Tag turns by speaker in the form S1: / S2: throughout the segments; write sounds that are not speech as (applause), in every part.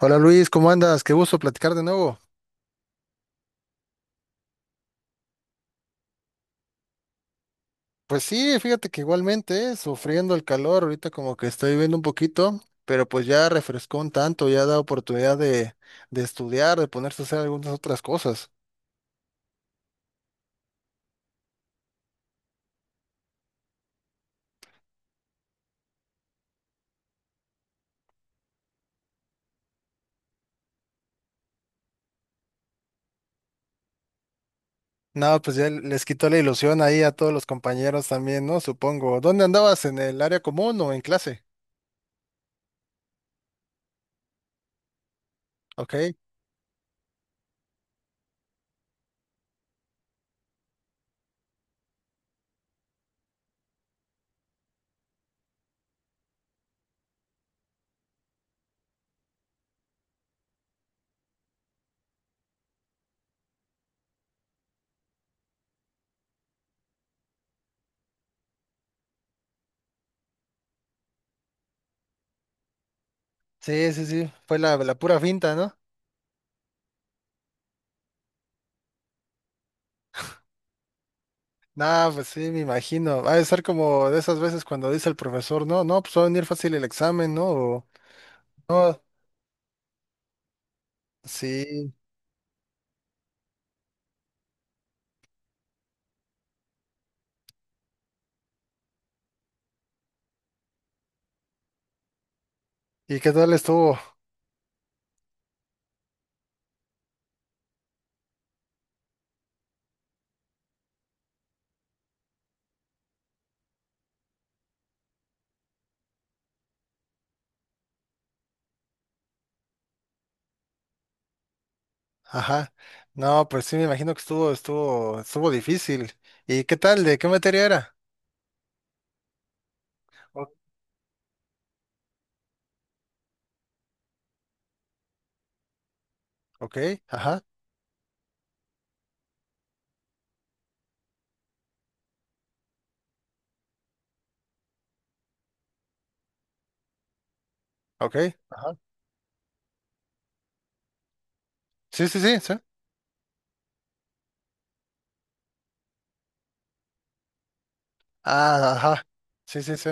S1: Hola Luis, ¿cómo andas? Qué gusto platicar de nuevo. Pues sí, fíjate que igualmente, sufriendo el calor, ahorita como que estoy viviendo un poquito, pero pues ya refrescó un tanto, ya da oportunidad de estudiar, de ponerse a hacer algunas otras cosas. No, pues ya les quitó la ilusión ahí a todos los compañeros también, ¿no? Supongo. ¿Dónde andabas? ¿En el área común o en clase? Ok. Sí, sí, sí, fue la pura finta, ¿no? Nah, pues sí, me imagino. Va a ser como de esas veces cuando dice el profesor, no, no, pues va a venir fácil el examen, ¿no? O, no. Sí, ¿y qué tal estuvo? Ajá. No, pues sí me imagino que estuvo difícil. ¿Y qué tal? ¿De qué materia era? O- Ok, ajá, ok, ajá. Sí, sí, sí, sí. Ah, ajá. Sí, sí, sí.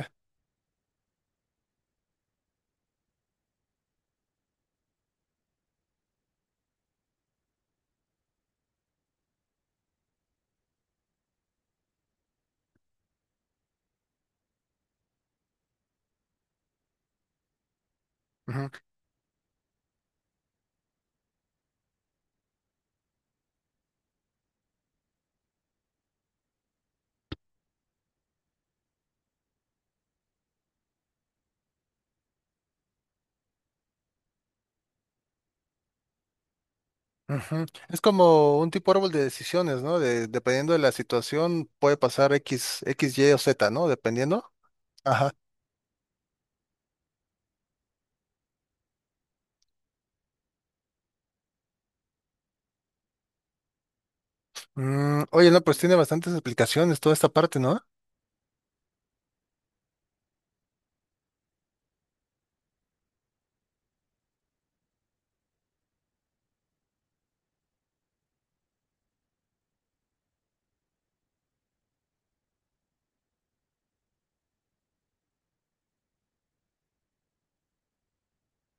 S1: Ujú, ujú. Es como un tipo árbol de decisiones, ¿no? De, dependiendo de la situación, puede pasar X, Y o Z, ¿no? Dependiendo. Ajá. Mm, oye, no, pues tiene bastantes explicaciones toda esta parte, ¿no?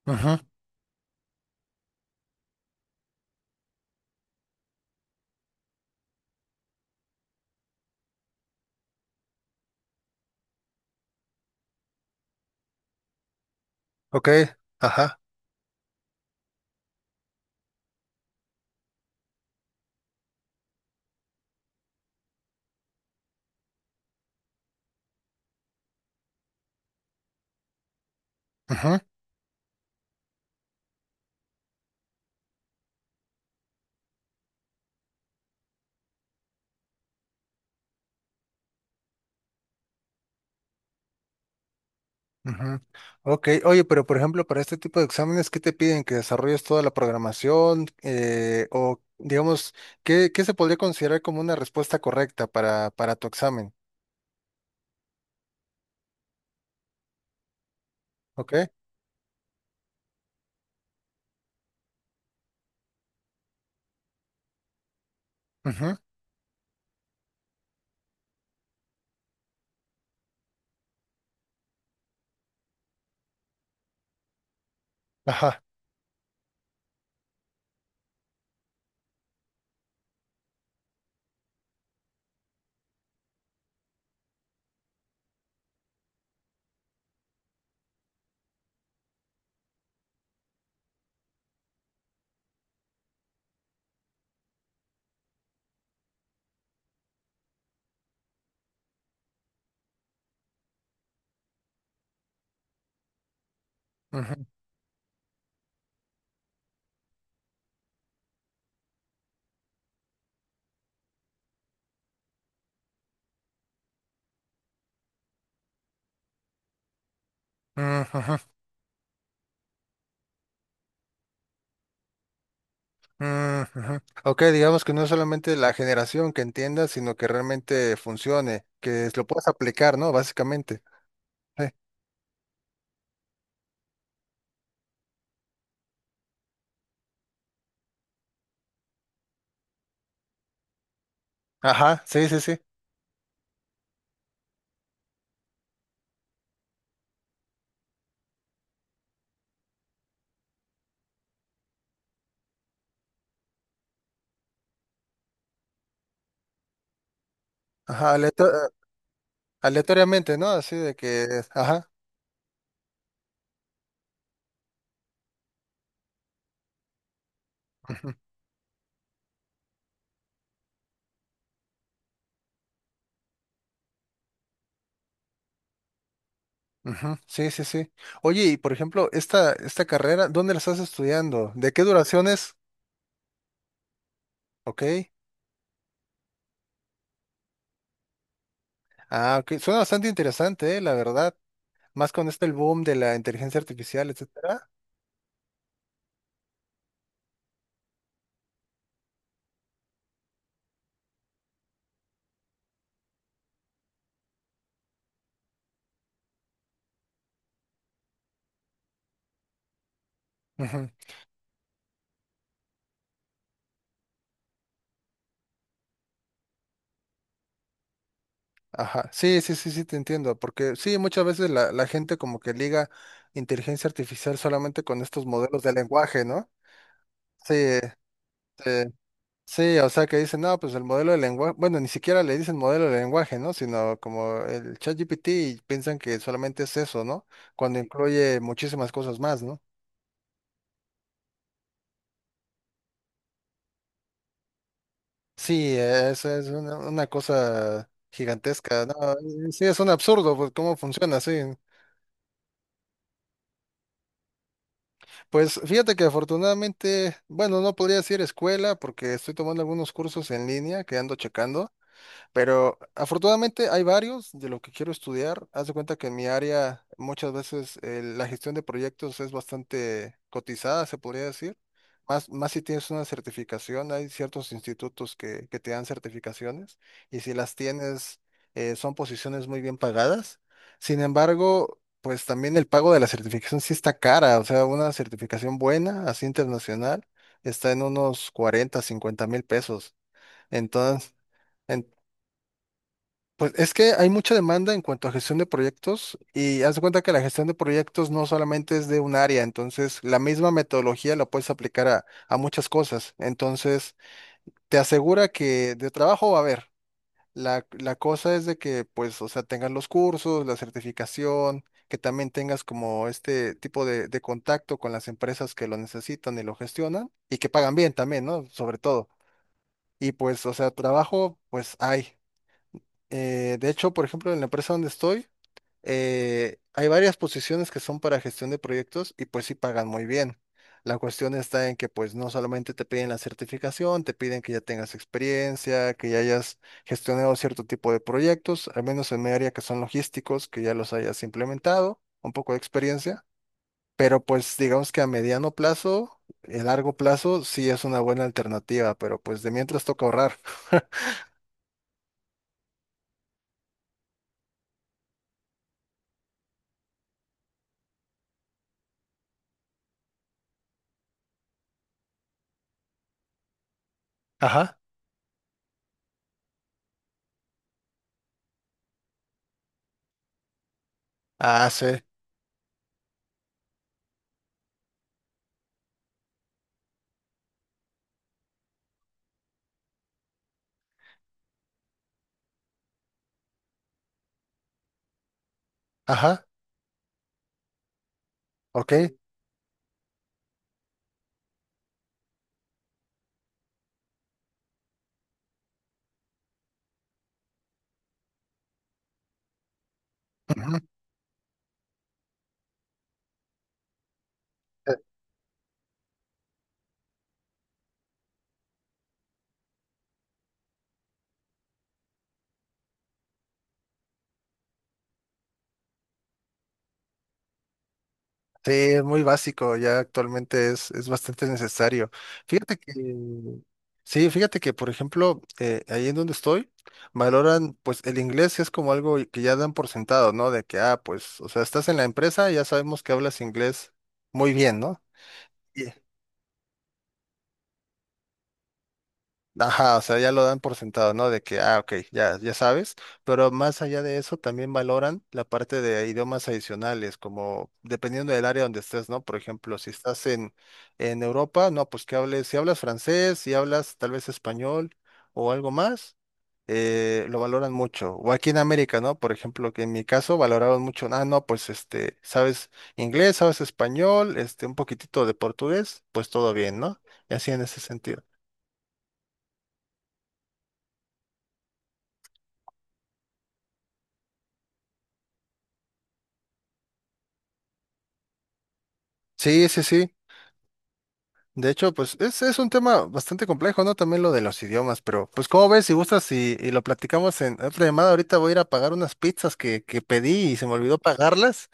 S1: Ajá. Ok, ajá. Ujú. Ujú. Ok, oye, pero por ejemplo, para este tipo de exámenes, ¿qué te piden? ¿Que desarrolles toda la programación? O digamos, ¿qué, qué se podría considerar como una respuesta correcta para tu examen? ¿Ok? Ujú. Ajá. Ujú. Ujú. Ujú. Ujú. Ok, digamos que no es solamente la generación que entiendas, sino que realmente funcione, que lo puedas aplicar, ¿no? Básicamente. Sí. Ajá, sí, sí, sí. Ajá, aleato- aleatoriamente, ¿no? Así de que, ajá. Ujú, sí, sí, sí. Oye, y por ejemplo, esta carrera, ¿dónde la estás estudiando? ¿De qué duración es? Ok. Ah, ok. Suena bastante interesante, la verdad. Más con este el boom de la inteligencia artificial, etcétera. Ujú, ajá. Sí, sí, sí, sí, te entiendo. Porque sí, muchas veces la gente como que liga inteligencia artificial solamente con estos modelos de lenguaje, ¿no? Sí, sí. Sí, o sea que dicen, no, pues el modelo de lenguaje, bueno, ni siquiera le dicen modelo de lenguaje, ¿no? Sino como el ChatGPT y piensan que solamente es eso, ¿no? Cuando incluye muchísimas cosas más, ¿no? Sí, eso es una cosa gigantesca, ¿no? Sí, es un absurdo, pues, cómo funciona, sí. Pues fíjate que afortunadamente, bueno, no podría decir escuela porque estoy tomando algunos cursos en línea que ando checando. Pero afortunadamente hay varios de lo que quiero estudiar. Haz de cuenta que en mi área muchas veces la gestión de proyectos es bastante cotizada, se podría decir. Más, más si tienes una certificación, hay ciertos institutos que te dan certificaciones y si las tienes son posiciones muy bien pagadas. Sin embargo, pues también el pago de la certificación sí está cara, o sea, una certificación buena, así internacional, está en unos 40 000 o 50 000 pesos. Entonces... En- pues es que hay mucha demanda en cuanto a gestión de proyectos y haz de cuenta que la gestión de proyectos no solamente es de un área, entonces la misma metodología la puedes aplicar a muchas cosas. Entonces te asegura que de trabajo va a haber. La cosa es de que pues, o sea, tengas los cursos, la certificación, que también tengas como este tipo de contacto con las empresas que lo necesitan y lo gestionan y que pagan bien también, ¿no? Sobre todo. Y pues, o sea, trabajo pues hay. De hecho, por ejemplo, en la empresa donde estoy, hay varias posiciones que son para gestión de proyectos y pues sí pagan muy bien. La cuestión está en que pues no solamente te piden la certificación, te piden que ya tengas experiencia, que ya hayas gestionado cierto tipo de proyectos, al menos en mi área que son logísticos, que ya los hayas implementado, un poco de experiencia, pero pues digamos que a mediano plazo, a largo plazo sí es una buena alternativa, pero pues de mientras toca ahorrar. (laughs) Ajá. Ah, sí. Ajá. Ok. Ujú. Sí, es muy básico, ya actualmente es bastante necesario. Fíjate que, sí, fíjate que, por ejemplo, ahí en donde estoy, valoran, pues el inglés es como algo que ya dan por sentado, ¿no? De que, ah, pues, o sea, estás en la empresa, ya sabemos que hablas inglés muy bien, ¿no? Ajá, o sea, ya lo dan por sentado, ¿no? De que, ah, ok, ya, ya sabes, pero más allá de eso también valoran la parte de idiomas adicionales, como dependiendo del área donde estés, ¿no? Por ejemplo, si estás en Europa, no, pues que hables, si hablas francés, si hablas tal vez español o algo más, lo valoran mucho. O aquí en América, ¿no? Por ejemplo, que en mi caso valoraron mucho, ah, no, pues este, sabes inglés, sabes español, este, un poquitito de portugués, pues todo bien, ¿no? Y así en ese sentido. Sí, sí, sí. De hecho, pues es un tema bastante complejo, ¿no? También lo de los idiomas, pero pues como ves, si gustas y lo platicamos en otra llamada, ahorita voy a ir a pagar unas pizzas que pedí y se me olvidó pagarlas.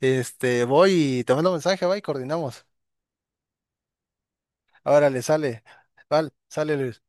S1: Este, voy y te mando mensaje, va y coordinamos. Ahora le sale. Vale, sale Luis.